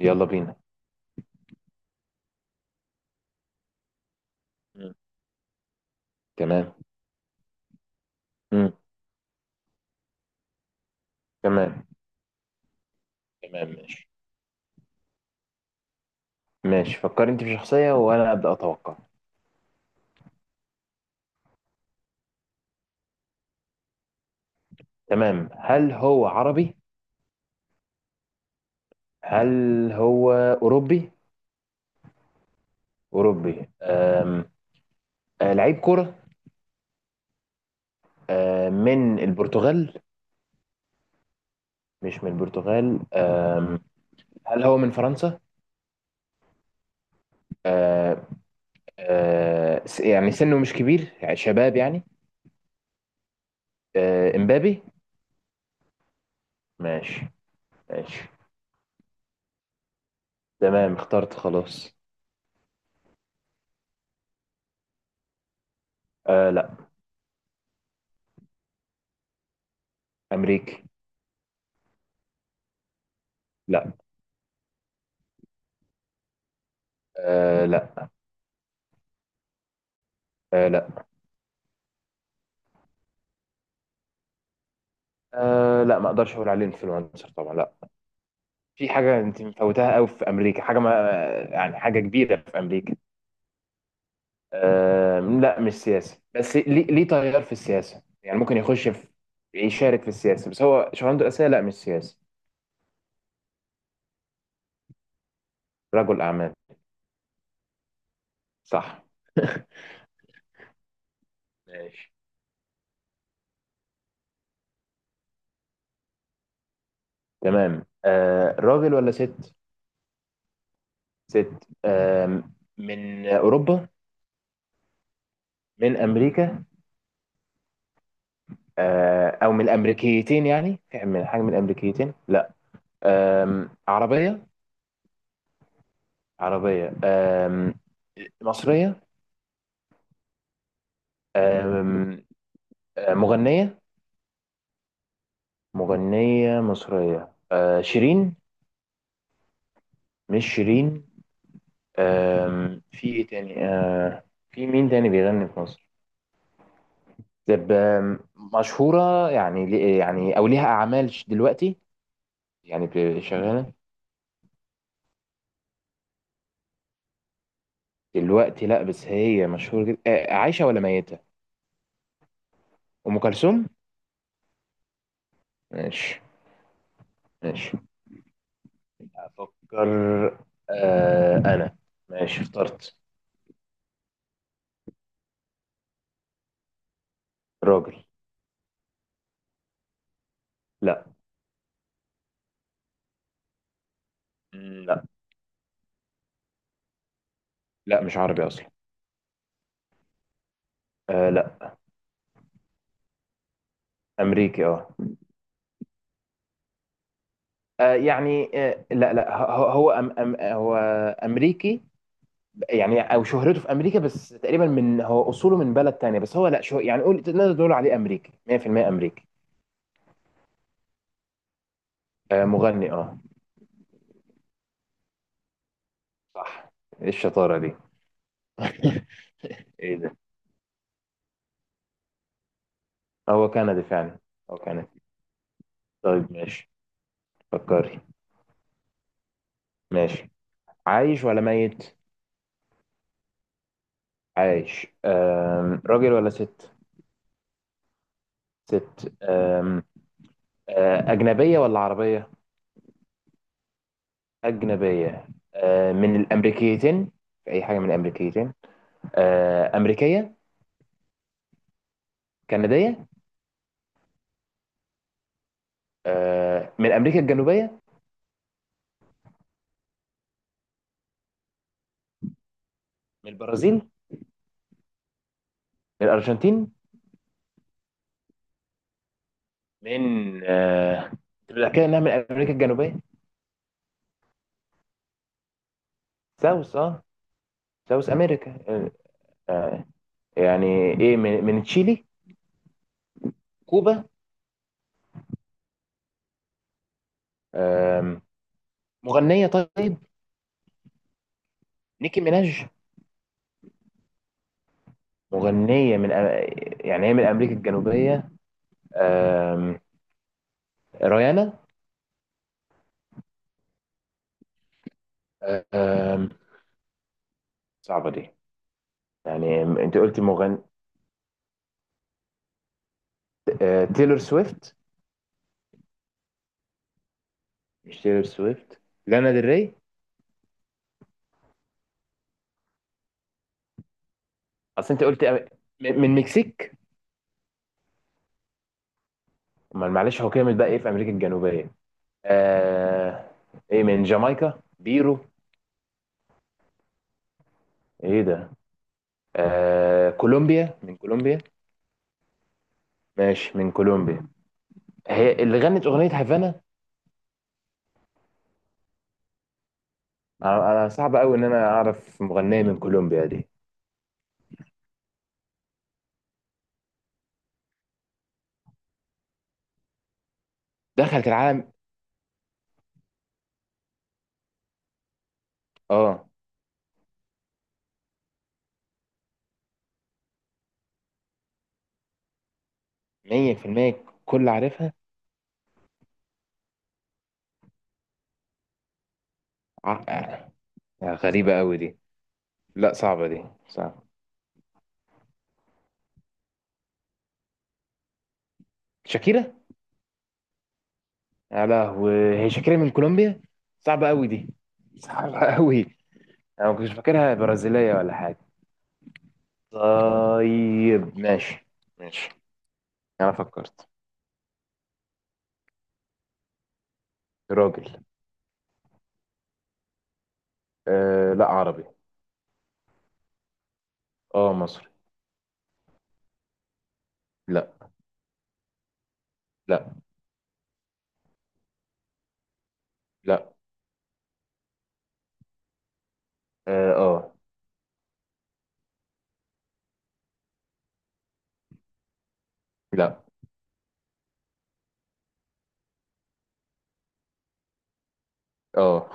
يلا بينا. مم. تمام. مم. تمام. تمام ماشي. ماشي، فكر انت في شخصية وانا ابدأ اتوقع. تمام، هل هو عربي؟ هل هو اوروبي؟ اوروبي آه، لعيب كرة. من البرتغال؟ مش من البرتغال. هل هو من فرنسا؟ أم... يعني سنه مش كبير، يعني شباب يعني. أه، امبابي. ماشي. ماشي. تمام، اخترت خلاص. أه لا. امريكي. لا. أه لا. آه لا. أه لا، ما اقدرش اقول عليه انفلونسر، طبعا لا. في حاجه انت مفوتاها قوي في امريكا، حاجه ما، يعني حاجه كبيره في امريكا. أه لا، مش سياسي، بس ليه تغير في السياسه، يعني ممكن يخش في، يشارك في السياسه، بس هو شغلانته الاساسيه لا مش سياسي. رجل اعمال. صح. ماشي. تمام، أه راجل ولا ست؟ ست. أه، من اوروبا؟ من امريكا؟ أه او من الامريكيتين؟ يعني في من حاجه من الامريكيتين؟ لا. أه عربيه؟ عربية، أم، مصرية، أم، آه، مغنية، مغنية مصرية، أه، شيرين؟ مش شيرين. أم، في ايه تاني؟ أه، في مين تاني بيغني في مصر؟ طب أم، مشهورة؟ يعني يعني او ليها اعمال دلوقتي؟ يعني شغالة دلوقتي؟ لا، بس هي مشهورة جدا. أه، عايشة ولا ميتة؟ ام كلثوم. ماشي. ماشي. افكر. أه، انا ماشي اخترت. راجل. لا. لا. لا، مش عربي اصلا. آه لا. امريكي اه. آه، يعني آه لا لا، هو أم أم هو امريكي، يعني او شهرته في امريكا بس، تقريبا من هو اصوله من بلد تانية، بس هو لا شو يعني قول نقدر نقول عليه امريكي، 100% امريكي. آه مغني اه. صح. ايه الشطارة دي؟ ايه ده؟ هو كندي فعلا؟ هو كندي. طيب ماشي. فكري. ماشي، عايش ولا ميت؟ عايش. آم، راجل ولا ست؟ ست. آم، آه، أجنبية ولا عربية؟ أجنبية. آه، من الأمريكيتين؟ في أي حاجة من الأمريكيتين؟ آه، أمريكية؟ كندية؟ آه، من أمريكا الجنوبية؟ من البرازيل؟ من الأرجنتين؟ من آه، تبقى كده إنها من أمريكا الجنوبية. ساوث أه. ساوث أمريكا. آه، آه، يعني إيه، من تشيلي؟ كوبا؟ آم، مغنية طيب. نيكي ميناج؟ مغنية من يعني هي من أمريكا الجنوبية. آم، ريانا؟ آم، صعبة دي، يعني انت قلت مغني. آه، تيلور سويفت؟ مش تيلور سويفت. لانا ديل ري؟ اصل انت قلت من مكسيك؟ امال معلش، هو كامل بقى ايه في امريكا الجنوبيه؟ آه... ايه، من جامايكا؟ بيرو؟ ايه ده؟ آه... كولومبيا، من كولومبيا. ماشي، من كولومبيا. هي اللي غنت اغنيه هافانا؟ أنا صعب قوي ان انا اعرف مغنيه من كولومبيا دي. دخلت العالم. اه، 100% كل عارفها. ع- آه، غريبه قوي دي. لا صعبه دي، صعبه. شاكيرا. يا لهوي، هي شاكرة من كولومبيا. صعبة قوي دي. صعبة قوي. انا ما كنتش فاكرها برازيلية ولا حاجة. طيب ماشي. ماشي. انا فكرت. راجل. آه لا، عربي. اه مصري. لا. لا. لا. اه آه. لا. اه.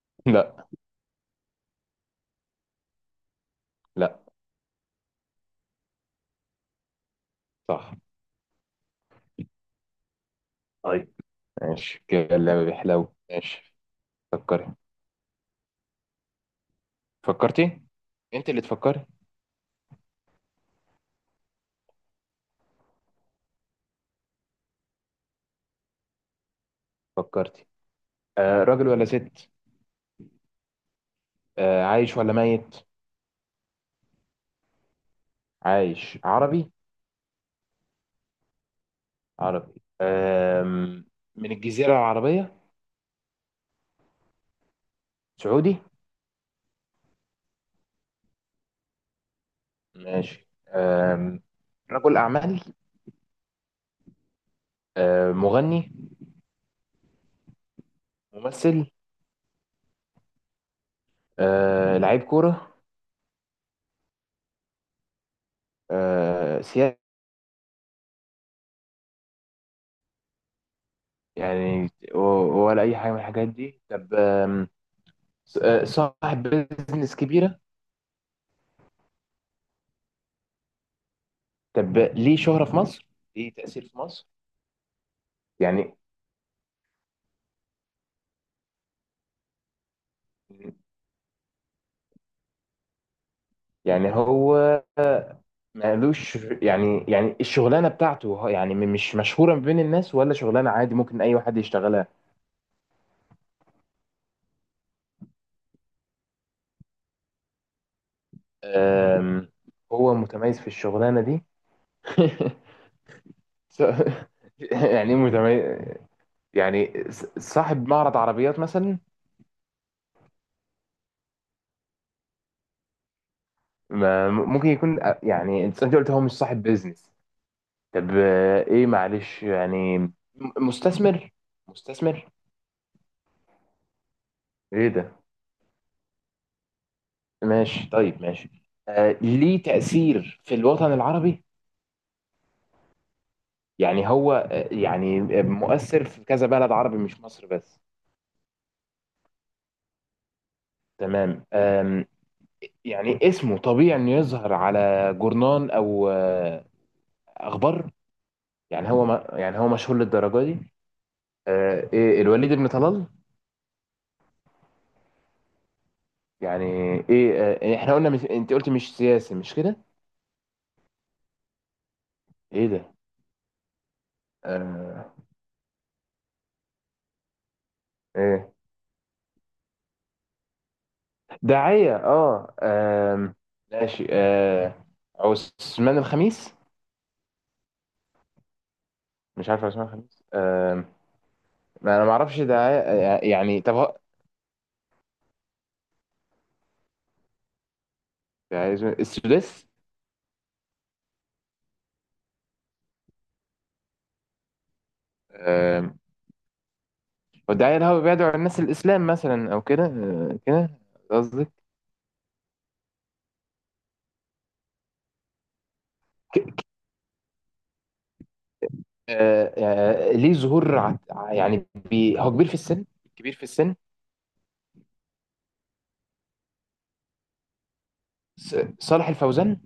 لا. لا. صح. طيب ماشي، كده اللعبة بيحلو. ماشي. فكري. فكرتي. انت اللي تفكري. فكرتي. آه راجل ولا ست؟ آه عايش ولا ميت؟ عايش عربي؟ عربي. أم، من الجزيرة العربية؟ سعودي؟ ماشي. أم، رجل أعمال؟ أم، مغني؟ ممثل؟ أه، لعيب كورة؟ أه، سياسي؟ يعني و- ولا أي حاجة من الحاجات دي؟ طب أم، أه، صاحب بيزنس كبيرة؟ طب ليه شهرة في مصر؟ ليه تأثير في مصر؟ يعني، يعني هو مالوش، يعني يعني الشغلانه بتاعته يعني مش مشهوره بين الناس، ولا شغلانه عادي ممكن اي واحد يشتغلها؟ أم، هو متميز في الشغلانة دي. س- يعني إيه متميز؟ يعني صاحب معرض عربيات مثلا؟ ممكن يكون آه، يعني أنت قلت هو مش صاحب بيزنس. طب آه، ايه معلش يعني مستثمر؟ مستثمر. ايه ده؟ ماشي طيب ماشي. آه، ليه تأثير في الوطن العربي؟ يعني هو آه، يعني مؤثر في كذا بلد عربي، مش مصر بس؟ تمام. آم، يعني اسمه طبيعي انه يظهر على جورنان او آه، اخبار؟ يعني هو ما، يعني هو مشهور للدرجه دي؟ آه، ايه، الوليد بن طلال؟ يعني ايه؟ آه، احنا قلنا، مش انت قلت مش سياسي مش كده؟ ايه ده؟ آه، ايه، داعية؟ اه آم، ماشي آه، عثمان الخميس؟ مش عارف عثمان الخميس. آم، ما انا ما اعرفش داعية. آه، يعني طب داعية. السداس؟ والداعية اللي هو بيدعو الناس الإسلام مثلا أو كده، آه، كده قصدك؟ ك- آه، آه، ليه ظهور يعني بي، هو كبير في السن؟ كبير في السن. صالح الفوزان؟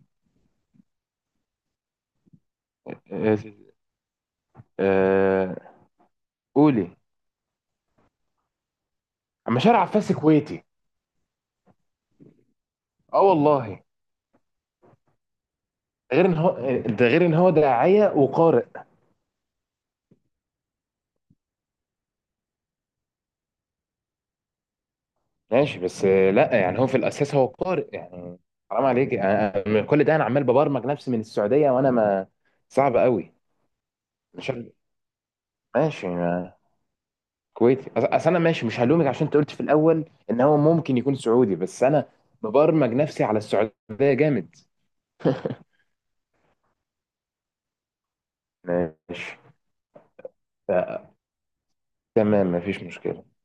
آه، آه، قولي. أما شارع عباس كويتي؟ اه والله. غير ان هو، ده غير ان هو داعية وقارئ. ماشي بس آه، لا يعني هو في الأساس هو قارئ يعني. حرام عليك، كل ده انا عمال ببرمج نفسي من السعودية وانا ما، صعب قوي. مش عارف. ماشي. كويتي. اصل انا ماشي مش هلومك، عشان انت قلت في الاول ان هو ممكن يكون سعودي، بس انا مبرمج نفسي على السعوديه. جامد. ماشي. ف- تمام مفيش مشكله.